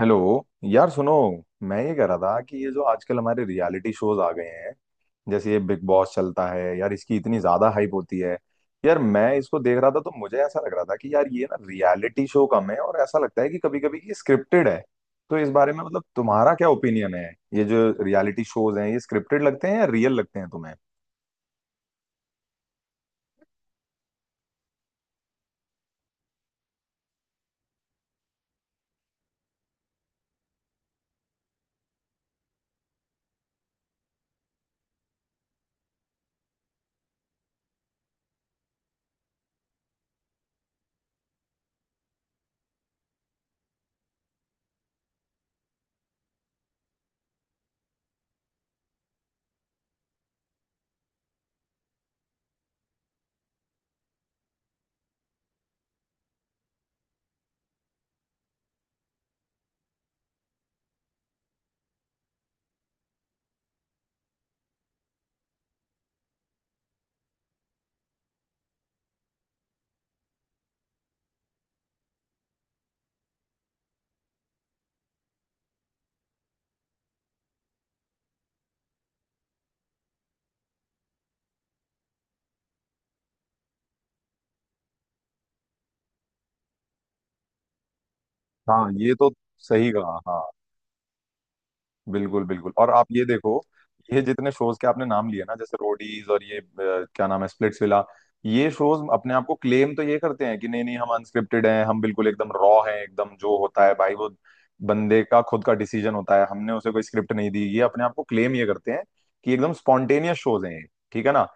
Hello. यार सुनो, मैं ये कह रहा था कि ये जो आजकल हमारे रियलिटी शोज आ गए हैं, जैसे ये बिग बॉस चलता है यार, इसकी इतनी ज्यादा हाइप होती है। यार मैं इसको देख रहा था तो मुझे ऐसा लग रहा था कि यार ये ना रियलिटी शो कम है और ऐसा लगता है कि कभी कभी ये स्क्रिप्टेड है। तो इस बारे में मतलब तुम्हारा क्या ओपिनियन है? ये जो रियलिटी शोज हैं, ये स्क्रिप्टेड लगते हैं या रियल लगते हैं तुम्हें? हाँ, ये तो सही कहा, हाँ। बिल्कुल बिल्कुल। और आप ये देखो, ये जितने शोज के आपने नाम लिए ना, जैसे रोडीज और ये क्या नाम है, स्प्लिट्स विला। ये शोज अपने आप को क्लेम तो ये करते हैं कि नहीं नहीं, हम अनस्क्रिप्टेड हैं, हम बिल्कुल एकदम रॉ हैं, एकदम जो होता है भाई वो बंदे का खुद का डिसीजन होता है, हमने उसे कोई स्क्रिप्ट नहीं दी। ये अपने आप को क्लेम ये करते हैं कि एकदम स्पॉन्टेनियस शोज हैं ये, ठीक है ना।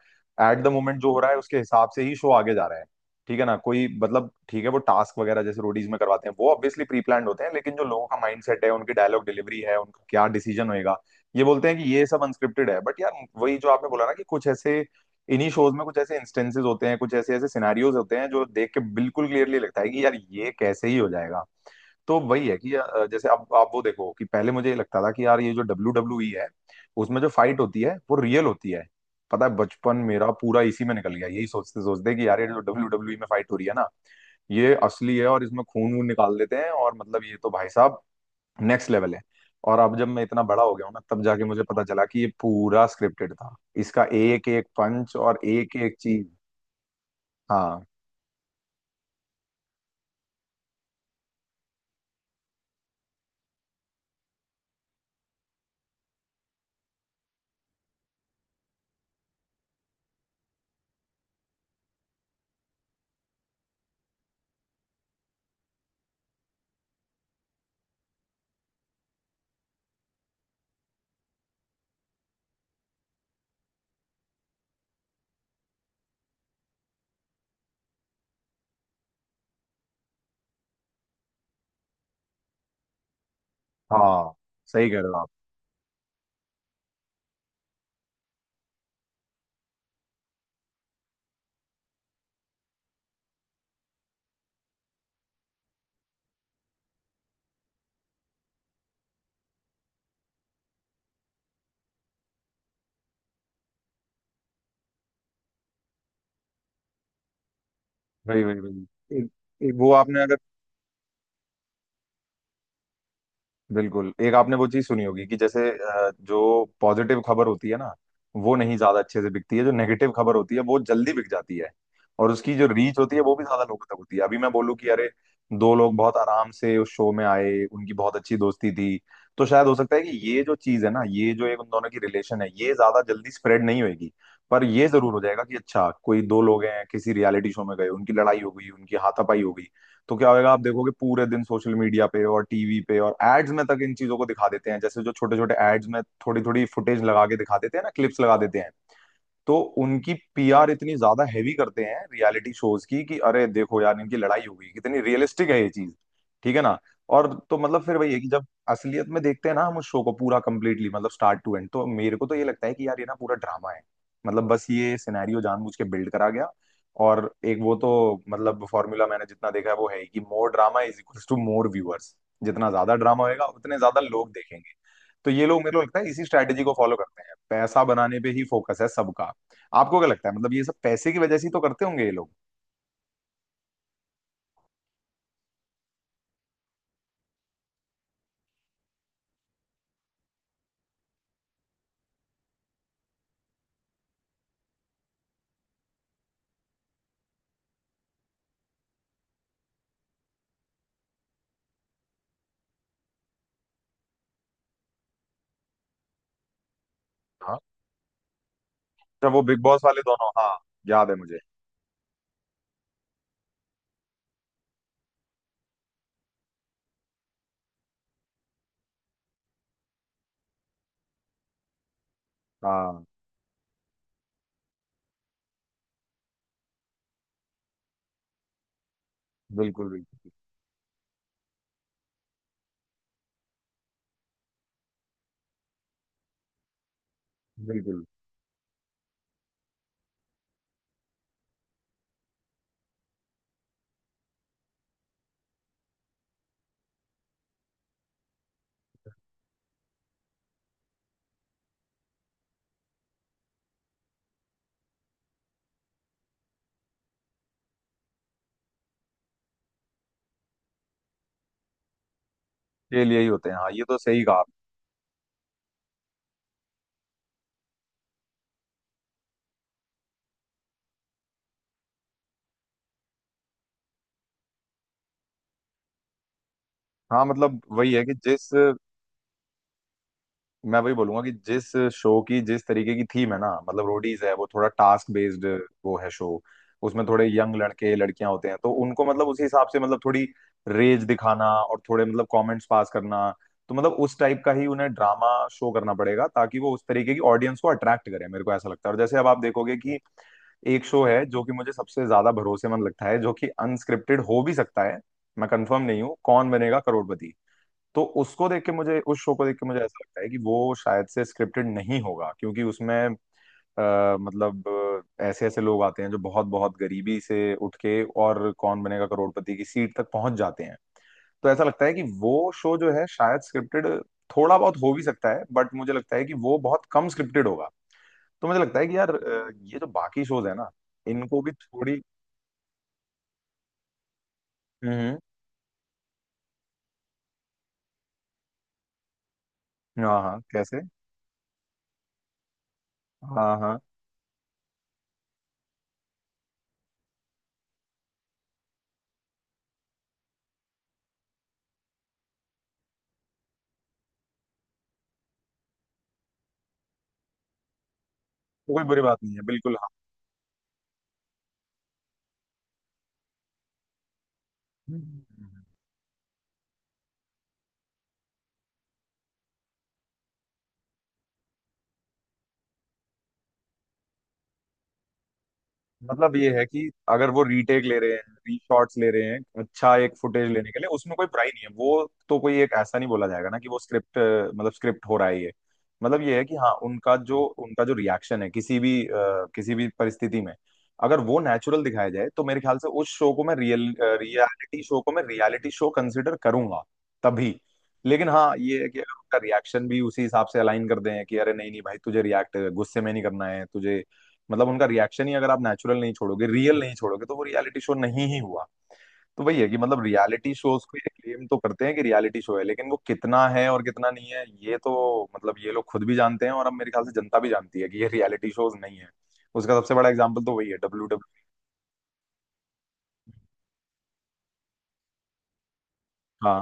एट द मोमेंट जो हो रहा है उसके हिसाब से ही शो आगे जा रहा है, ठीक है ना। कोई मतलब, ठीक है वो टास्क वगैरह जैसे रोडीज में करवाते हैं वो ऑब्वियसली प्री प्लान्ड होते हैं, लेकिन जो लोगों का माइंड सेट है, उनकी डायलॉग डिलीवरी है, उनका क्या डिसीजन होएगा, ये बोलते हैं कि ये सब अनस्क्रिप्टेड है। बट यार वही जो आपने बोला ना, कि कुछ ऐसे इन्हीं शोज में कुछ ऐसे इंस्टेंसेस होते हैं, कुछ ऐसे ऐसे सिनेरियोज होते हैं जो देख के बिल्कुल क्लियरली लगता है कि यार ये कैसे ही हो जाएगा। तो वही है कि जैसे अब आप वो देखो, कि पहले मुझे ये लगता था कि यार ये जो डब्ल्यू डब्ल्यू ई है, उसमें जो फाइट होती है वो रियल होती है। पता है, बचपन मेरा पूरा इसी में निकल गया यही सोचते सोचते कि यार ये जो डब्ल्यू डब्ल्यू ई में फाइट हो रही है ना, ये असली है और इसमें खून वून निकाल देते हैं, और मतलब ये तो भाई साहब नेक्स्ट लेवल है। और अब जब मैं इतना बड़ा हो गया हूं ना, तब जाके मुझे पता चला कि ये पूरा स्क्रिप्टेड था, इसका एक एक पंच और एक एक चीज। हाँ। हाँ, सही कह रहे हो आप। वही वही वही, एक- एक वो आपने अगर, बिल्कुल, एक आपने वो चीज सुनी होगी कि जैसे जो पॉजिटिव खबर होती है ना, वो नहीं ज्यादा अच्छे से बिकती है, जो नेगेटिव खबर होती है वो जल्दी बिक जाती है। और उसकी जो रीच होती है वो भी ज्यादा लोगों तक होती है। अभी मैं बोलूँ कि अरे, दो लोग बहुत आराम से उस शो में आए, उनकी बहुत अच्छी दोस्ती थी, तो शायद हो सकता है कि ये जो चीज है ना, ये जो एक उन दोनों की रिलेशन है, ये ज्यादा जल्दी स्प्रेड नहीं होगी। पर ये जरूर हो जाएगा कि अच्छा कोई दो लोग हैं, किसी रियलिटी शो में गए, उनकी लड़ाई हो गई, उनकी हाथापाई हो गई, तो क्या होगा, आप देखोगे पूरे दिन सोशल मीडिया पे और टीवी पे और एड्स में तक इन चीजों को दिखा देते हैं, जैसे जो छोटे छोटे एड्स में थोड़ी थोड़ी फुटेज लगा के दिखा देते हैं ना, क्लिप्स लगा देते हैं। तो उनकी पीआर इतनी ज्यादा हैवी करते हैं रियलिटी शोज की, कि अरे देखो यार इनकी लड़ाई हो गई, कितनी रियलिस्टिक है ये चीज, ठीक है ना। और तो मतलब फिर वही है कि जब असलियत में देखते हैं ना हम उस शो को पूरा कंप्लीटली मतलब स्टार्ट टू एंड, तो मेरे को तो ये लगता है कि यार ये ना पूरा ड्रामा है। मतलब बस ये सिनेरियो जानबूझ के बिल्ड करा गया। और एक वो तो मतलब फॉर्मूला मैंने जितना देखा है, वो है ही कि more drama is equals to more viewers. जितना ज्यादा ड्रामा होएगा उतने ज्यादा लोग देखेंगे, तो ये लोग मेरे को लगता है इसी स्ट्रैटेजी को फॉलो करते हैं। पैसा बनाने पे ही फोकस है सबका। आपको क्या लगता है, मतलब ये सब पैसे की वजह से ही तो करते होंगे ये लोग? हाँ। अच्छा, वो बिग बॉस वाले दोनों, हाँ याद है मुझे। हाँ। बिल्कुल बिल्कुल। बिल्कुल, ये लिए ही होते हैं, हाँ ये तो सही कहा आपने। हाँ मतलब वही है कि जिस मैं वही बोलूंगा कि जिस शो की जिस तरीके की थीम है ना, मतलब रोडीज है वो थोड़ा टास्क बेस्ड, वो है शो, उसमें थोड़े यंग लड़के लड़कियां होते हैं, तो उनको मतलब उसी हिसाब से मतलब थोड़ी रेज दिखाना और थोड़े मतलब कमेंट्स पास करना, तो मतलब उस टाइप का ही उन्हें ड्रामा शो करना पड़ेगा ताकि वो उस तरीके की ऑडियंस को अट्रैक्ट करे, मेरे को ऐसा लगता है। और जैसे अब आप देखोगे कि एक शो है जो कि मुझे सबसे ज्यादा भरोसेमंद लगता है, जो कि अनस्क्रिप्टेड हो भी सकता है, मैं कंफर्म नहीं हूँ, कौन बनेगा करोड़पति। तो उसको देख के मुझे, उस शो को देख के मुझे ऐसा लगता है कि वो शायद से स्क्रिप्टेड नहीं होगा, क्योंकि उसमें मतलब ऐसे ऐसे लोग आते हैं जो बहुत बहुत गरीबी से उठ के और कौन बनेगा करोड़पति की सीट तक पहुंच जाते हैं। तो ऐसा लगता है कि वो शो जो है शायद स्क्रिप्टेड थोड़ा बहुत हो भी सकता है, बट मुझे लगता है कि वो बहुत कम स्क्रिप्टेड होगा। तो मुझे लगता है कि यार ये जो बाकी शोज है ना, इनको भी थोड़ी हम्म हम्म, हाँ हाँ, कैसे। हाँ हाँ। तो कोई बुरी बात नहीं है, बिल्कुल, हाँ। हम्म। मतलब ये है कि अगर वो रीटेक ले रहे हैं, रीशॉट्स ले रहे हैं, अच्छा एक फुटेज लेने के लिए, उसमें कोई बुराई नहीं है, वो तो कोई एक ऐसा नहीं बोला जाएगा ना कि वो स्क्रिप्ट, मतलब स्क्रिप्ट हो रहा है ये। मतलब ये है कि हाँ, उनका जो रिएक्शन है किसी भी किसी भी परिस्थिति में, अगर वो नेचुरल दिखाया जाए, तो मेरे ख्याल से उस शो को मैं रियल, रियलिटी शो को मैं रियलिटी शो कंसिडर करूंगा तभी। लेकिन हाँ ये है कि अगर उनका रिएक्शन भी उसी हिसाब से अलाइन कर दें कि अरे नहीं नहीं भाई, तुझे रिएक्ट गुस्से में नहीं करना है तुझे, मतलब उनका रिएक्शन ही अगर आप नेचुरल नहीं छोड़ोगे, रियल नहीं छोड़ोगे, तो वो रियलिटी शो नहीं ही हुआ। तो वही है कि मतलब रियलिटी शोज को ये क्लेम तो करते हैं कि रियलिटी शो है, लेकिन वो कितना है और कितना नहीं है ये तो मतलब ये लोग खुद भी जानते हैं, और अब मेरे ख्याल से जनता भी जानती है कि ये रियलिटी शोज नहीं है। उसका सबसे बड़ा एग्जाम्पल तो वही है डब्ल्यू डब्ल्यू। हाँ।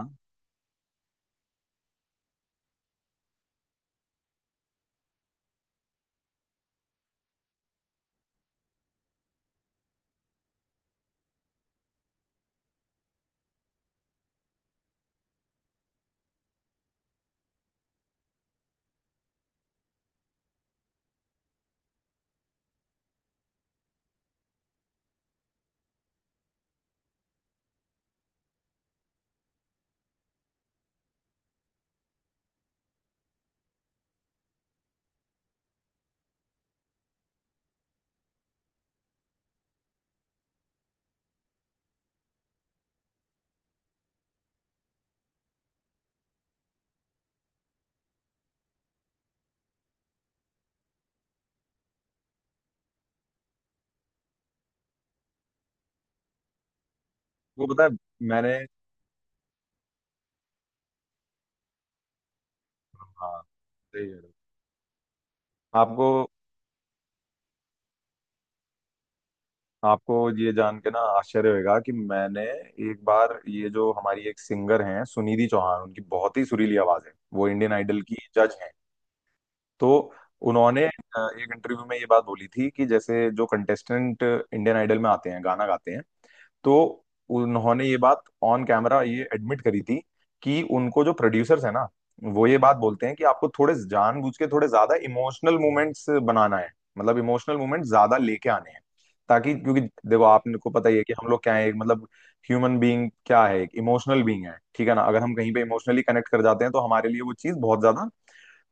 वो पता है, मैंने, हाँ सही कह रहे हो। आपको, आपको ये जान के ना आश्चर्य होगा कि मैंने एक बार, ये जो हमारी एक सिंगर हैं सुनिधि चौहान, उनकी बहुत ही सुरीली आवाज है, वो इंडियन आइडल की जज हैं। तो उन्होंने एक इंटरव्यू में ये बात बोली थी कि जैसे जो कंटेस्टेंट इंडियन आइडल में आते हैं गाना गाते हैं, तो उन्होंने ये बात ऑन कैमरा ये एडमिट करी थी कि उनको जो प्रोड्यूसर्स है ना, वो ये बात बोलते हैं कि आपको थोड़े जानबूझ के थोड़े ज्यादा इमोशनल मोमेंट्स बनाना है, मतलब इमोशनल मोमेंट्स ज्यादा लेके आने हैं, ताकि क्योंकि देखो आपने को पता ही है कि हम लोग क्या है, एक मतलब ह्यूमन बीइंग क्या है, एक इमोशनल बीइंग है, ठीक है ना। अगर हम कहीं पे इमोशनली कनेक्ट कर जाते हैं तो हमारे लिए वो चीज बहुत ज्यादा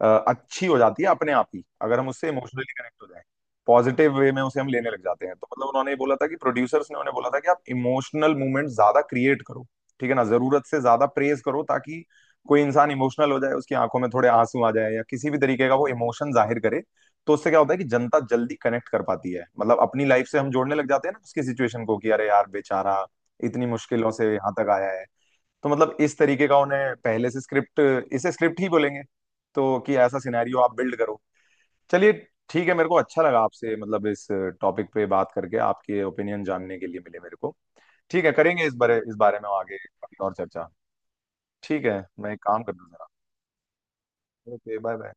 अच्छी हो जाती है अपने आप ही, अगर हम उससे इमोशनली कनेक्ट हो जाए पॉजिटिव वे में, उसे हम लेने लग जाते हैं। तो मतलब उन्होंने ये बोला था कि प्रोड्यूसर्स ने उन्हें बोला था कि आप इमोशनल मूवमेंट ज्यादा क्रिएट करो, ठीक है ना, जरूरत से ज्यादा प्रेज करो, ताकि कोई इंसान इमोशनल हो जाए, उसकी आंखों में थोड़े आंसू आ जाए, या किसी भी तरीके का वो इमोशन जाहिर करे। तो उससे क्या होता है कि जनता जल्दी कनेक्ट कर पाती है, मतलब अपनी लाइफ से हम जोड़ने लग जाते हैं ना उसकी सिचुएशन को, कि अरे यार बेचारा इतनी मुश्किलों से यहाँ तक आया है। तो मतलब इस तरीके का उन्हें पहले से स्क्रिप्ट, इसे स्क्रिप्ट ही बोलेंगे, तो कि ऐसा सिनेरियो आप बिल्ड करो। चलिए, ठीक है, मेरे को अच्छा लगा आपसे मतलब इस टॉपिक पे बात करके, आपके ओपिनियन जानने के लिए मिले मेरे को। ठीक है, करेंगे इस बारे, इस बारे में आगे कभी और चर्चा। ठीक है, मैं एक काम करता हूँ जरा। Okay, bye bye.